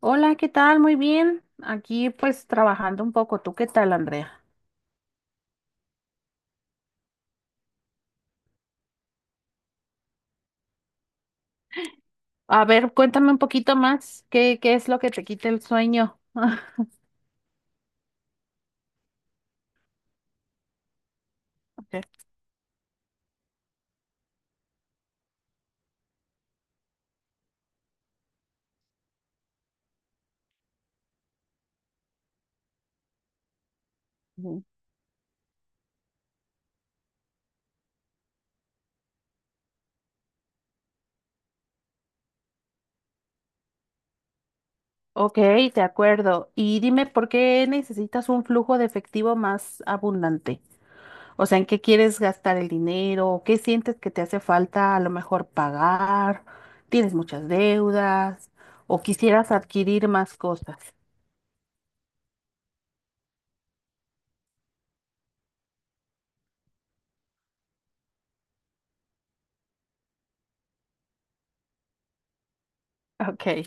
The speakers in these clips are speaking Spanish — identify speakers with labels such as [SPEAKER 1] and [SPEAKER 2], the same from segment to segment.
[SPEAKER 1] Hola, ¿qué tal? Muy bien. Aquí pues trabajando un poco. ¿Tú qué tal, Andrea? A ver, cuéntame un poquito más. ¿Qué es lo que te quita el sueño? Ok. Ujú. Ok, de acuerdo. Y dime, ¿por qué necesitas un flujo de efectivo más abundante? O sea, ¿en qué quieres gastar el dinero? ¿Qué sientes que te hace falta a lo mejor pagar? ¿Tienes muchas deudas? ¿O quisieras adquirir más cosas? Ok,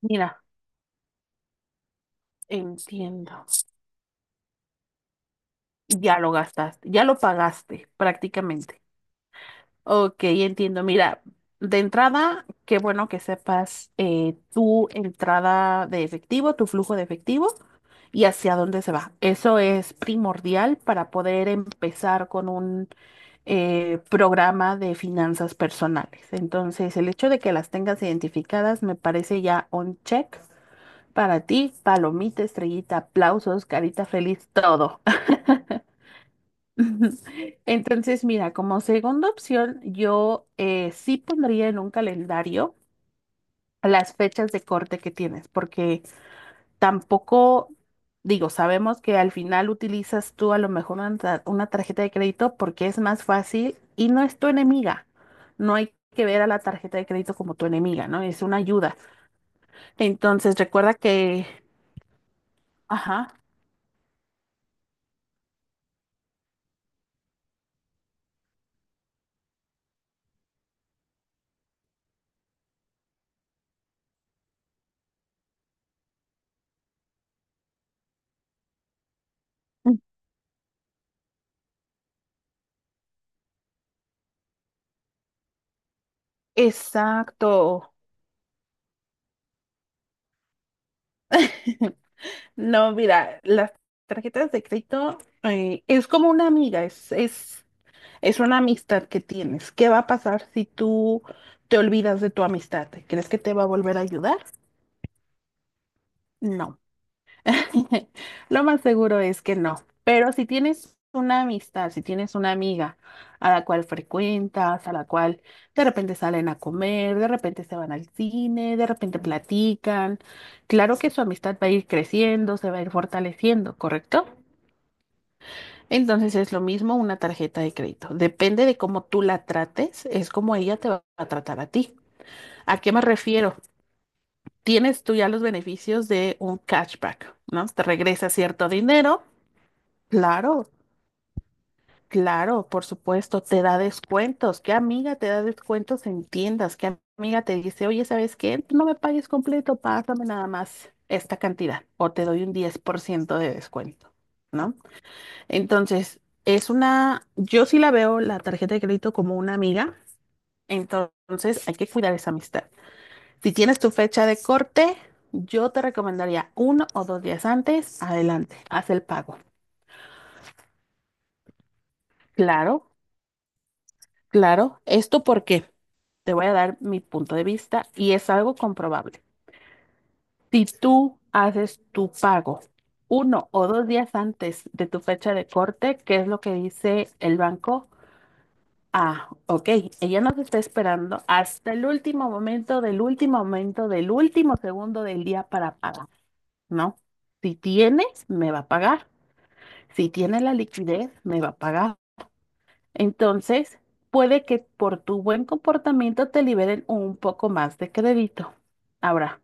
[SPEAKER 1] mira, entiendo. Ya lo gastaste, ya lo pagaste prácticamente. Ok, entiendo. Mira, de entrada, qué bueno que sepas tu entrada de efectivo, tu flujo de efectivo y hacia dónde se va. Eso es primordial para poder empezar con un programa de finanzas personales. Entonces, el hecho de que las tengas identificadas me parece ya un check para ti, palomita, estrellita, aplausos, carita feliz, todo. Entonces, mira, como segunda opción, yo sí pondría en un calendario las fechas de corte que tienes, porque tampoco, digo, sabemos que al final utilizas tú a lo mejor una, una tarjeta de crédito porque es más fácil y no es tu enemiga. No hay que ver a la tarjeta de crédito como tu enemiga, ¿no? Es una ayuda. Entonces, recuerda que, ajá, exacto. No, mira, las tarjetas de crédito es como una amiga, es una amistad que tienes. ¿Qué va a pasar si tú te olvidas de tu amistad? ¿Crees que te va a volver a ayudar? No. Lo más seguro es que no. Pero si tienes una amistad, si tienes una amiga a la cual frecuentas, a la cual de repente salen a comer, de repente se van al cine, de repente platican, claro que su amistad va a ir creciendo, se va a ir fortaleciendo, ¿correcto? Entonces es lo mismo una tarjeta de crédito. Depende de cómo tú la trates, es como ella te va a tratar a ti. ¿A qué me refiero? Tienes tú ya los beneficios de un cashback, ¿no? Te regresa cierto dinero. Claro, claro, por supuesto, te da descuentos. ¿Qué amiga te da descuentos en tiendas? ¿Qué amiga te dice, oye, ¿sabes qué? No me pagues completo, pásame nada más esta cantidad o te doy un 10% de descuento, ¿no? Entonces, es una, yo sí la veo la tarjeta de crédito como una amiga, entonces hay que cuidar esa amistad. Si tienes tu fecha de corte, yo te recomendaría 1 o 2 días antes, adelante, haz el pago. Claro, claro, esto porque te voy a dar mi punto de vista y es algo comprobable. Si tú haces tu pago 1 o 2 días antes de tu fecha de corte, ¿que es lo que dice el banco? Ah, ok. Ella nos está esperando hasta el último momento, del último momento, del último segundo del día para pagar, ¿no? Si tienes, me va a pagar. Si tiene la liquidez, me va a pagar. Entonces, puede que por tu buen comportamiento te liberen un poco más de crédito. Ahora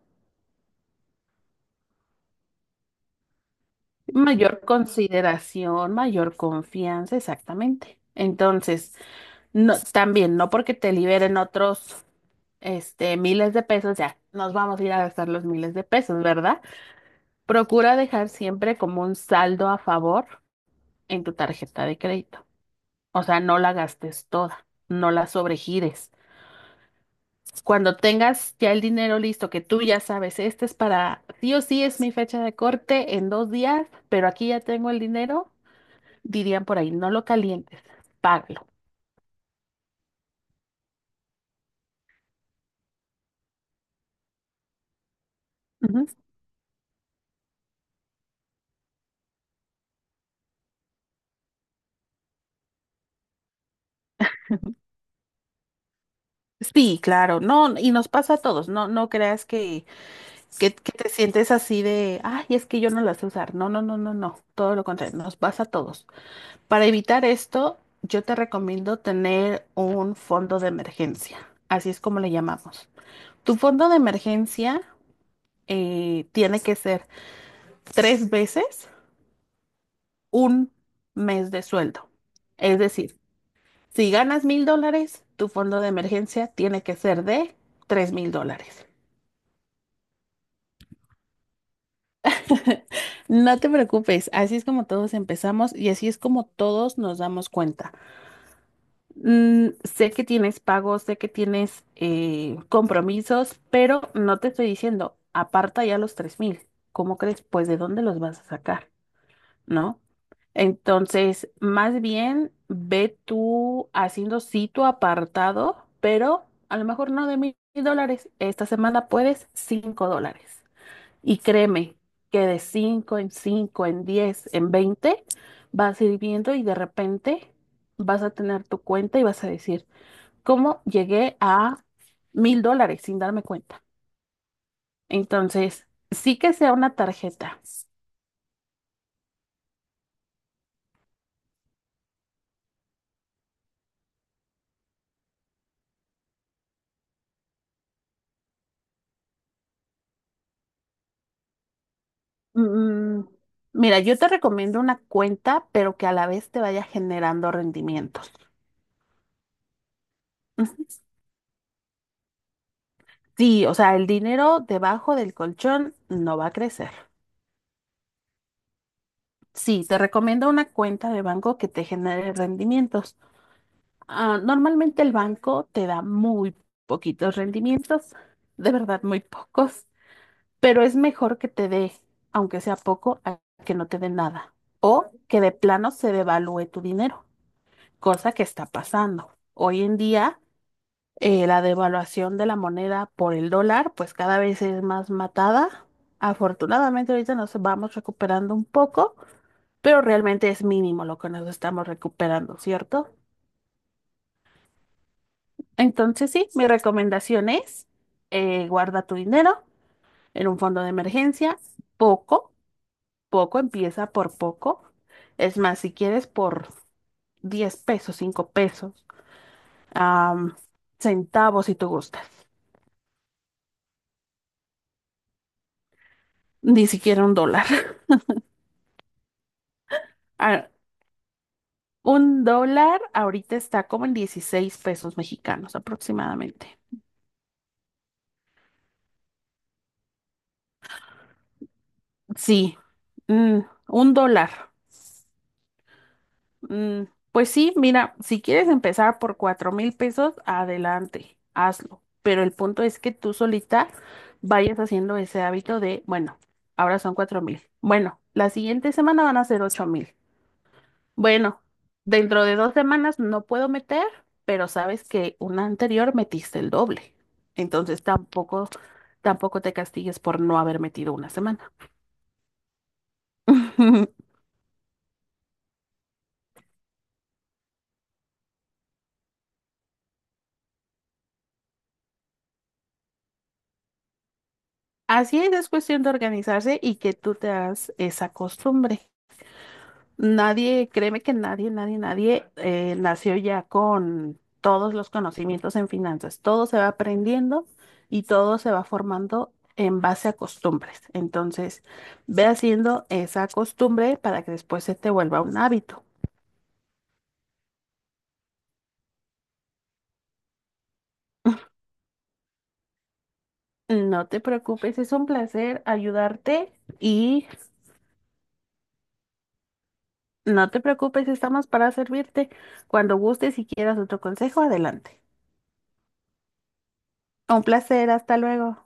[SPEAKER 1] mayor consideración, mayor confianza, exactamente. Entonces, no, también, no porque te liberen otros. Este, miles de pesos, ya nos vamos a ir a gastar los miles de pesos, ¿verdad? Procura dejar siempre como un saldo a favor en tu tarjeta de crédito. O sea, no la gastes toda, no la sobregires. Cuando tengas ya el dinero listo, que tú ya sabes, este es para, sí o sí es mi fecha de corte en 2 días, pero aquí ya tengo el dinero, dirían por ahí, no lo calientes, págalo. Ujú. Sí, claro, no, y nos pasa a todos, no, no creas que que te sientes así de, ay, es que yo no la sé usar. No, no, no, no, no. Todo lo contrario, nos pasa a todos. Para evitar esto, yo te recomiendo tener un fondo de emergencia. Así es como le llamamos. Tu fondo de emergencia tiene que ser 3 veces un mes de sueldo. Es decir, si ganas $1,000, tu fondo de emergencia tiene que ser de $3,000. No te preocupes, así es como todos empezamos y así es como todos nos damos cuenta. Sé que tienes pagos, sé que tienes compromisos, pero no te estoy diciendo, aparta ya los 3,000. ¿Cómo crees? Pues de dónde los vas a sacar, ¿no? Entonces, más bien ve tú haciendo sí tu apartado, pero a lo mejor no de $1,000. Esta semana puedes $5. Y créeme que de 5 en 5 en 10 en 20 vas a ir viendo y de repente vas a tener tu cuenta y vas a decir, ¿cómo llegué a $1,000 sin darme cuenta? Entonces, sí que sea una tarjeta. Mm, mira, yo te recomiendo una cuenta, pero que a la vez te vaya generando rendimientos. Ujú. Sí, o sea, el dinero debajo del colchón no va a crecer. Sí, te recomiendo una cuenta de banco que te genere rendimientos. Ah, normalmente el banco te da muy poquitos rendimientos, de verdad muy pocos, pero es mejor que te dé, aunque sea poco, a que no te dé nada. O que de plano se devalúe tu dinero, cosa que está pasando. Hoy en día, la devaluación de la moneda por el dólar, pues cada vez es más matada. Afortunadamente ahorita nos vamos recuperando un poco, pero realmente es mínimo lo que nos estamos recuperando, ¿cierto? Entonces, sí, mi recomendación es guarda tu dinero en un fondo de emergencia, poco, poco, empieza por poco. Es más, si quieres por 10 pesos, 5 pesos, am, centavos si tú gustas, ni siquiera un dólar. Ah, un dólar ahorita está como en 16 pesos mexicanos aproximadamente. Sí, mm, un dólar. Mm, pues sí, mira, si quieres empezar por 4,000 pesos, adelante, hazlo. Pero el punto es que tú solita vayas haciendo ese hábito de, bueno, ahora son 4,000. Bueno, la siguiente semana van a ser 8,000. Bueno, dentro de 2 semanas no puedo meter, pero sabes que una anterior metiste el doble. Entonces tampoco te castigues por no haber metido una semana. Así es cuestión de organizarse y que tú te hagas esa costumbre. Nadie, créeme que nadie, nadie, nadie nació ya con todos los conocimientos en finanzas. Todo se va aprendiendo y todo se va formando en base a costumbres. Entonces, ve haciendo esa costumbre para que después se te vuelva un hábito. No te preocupes, es un placer ayudarte y no te preocupes, estamos para servirte. Cuando gustes y quieras otro consejo, adelante. Un placer, hasta luego.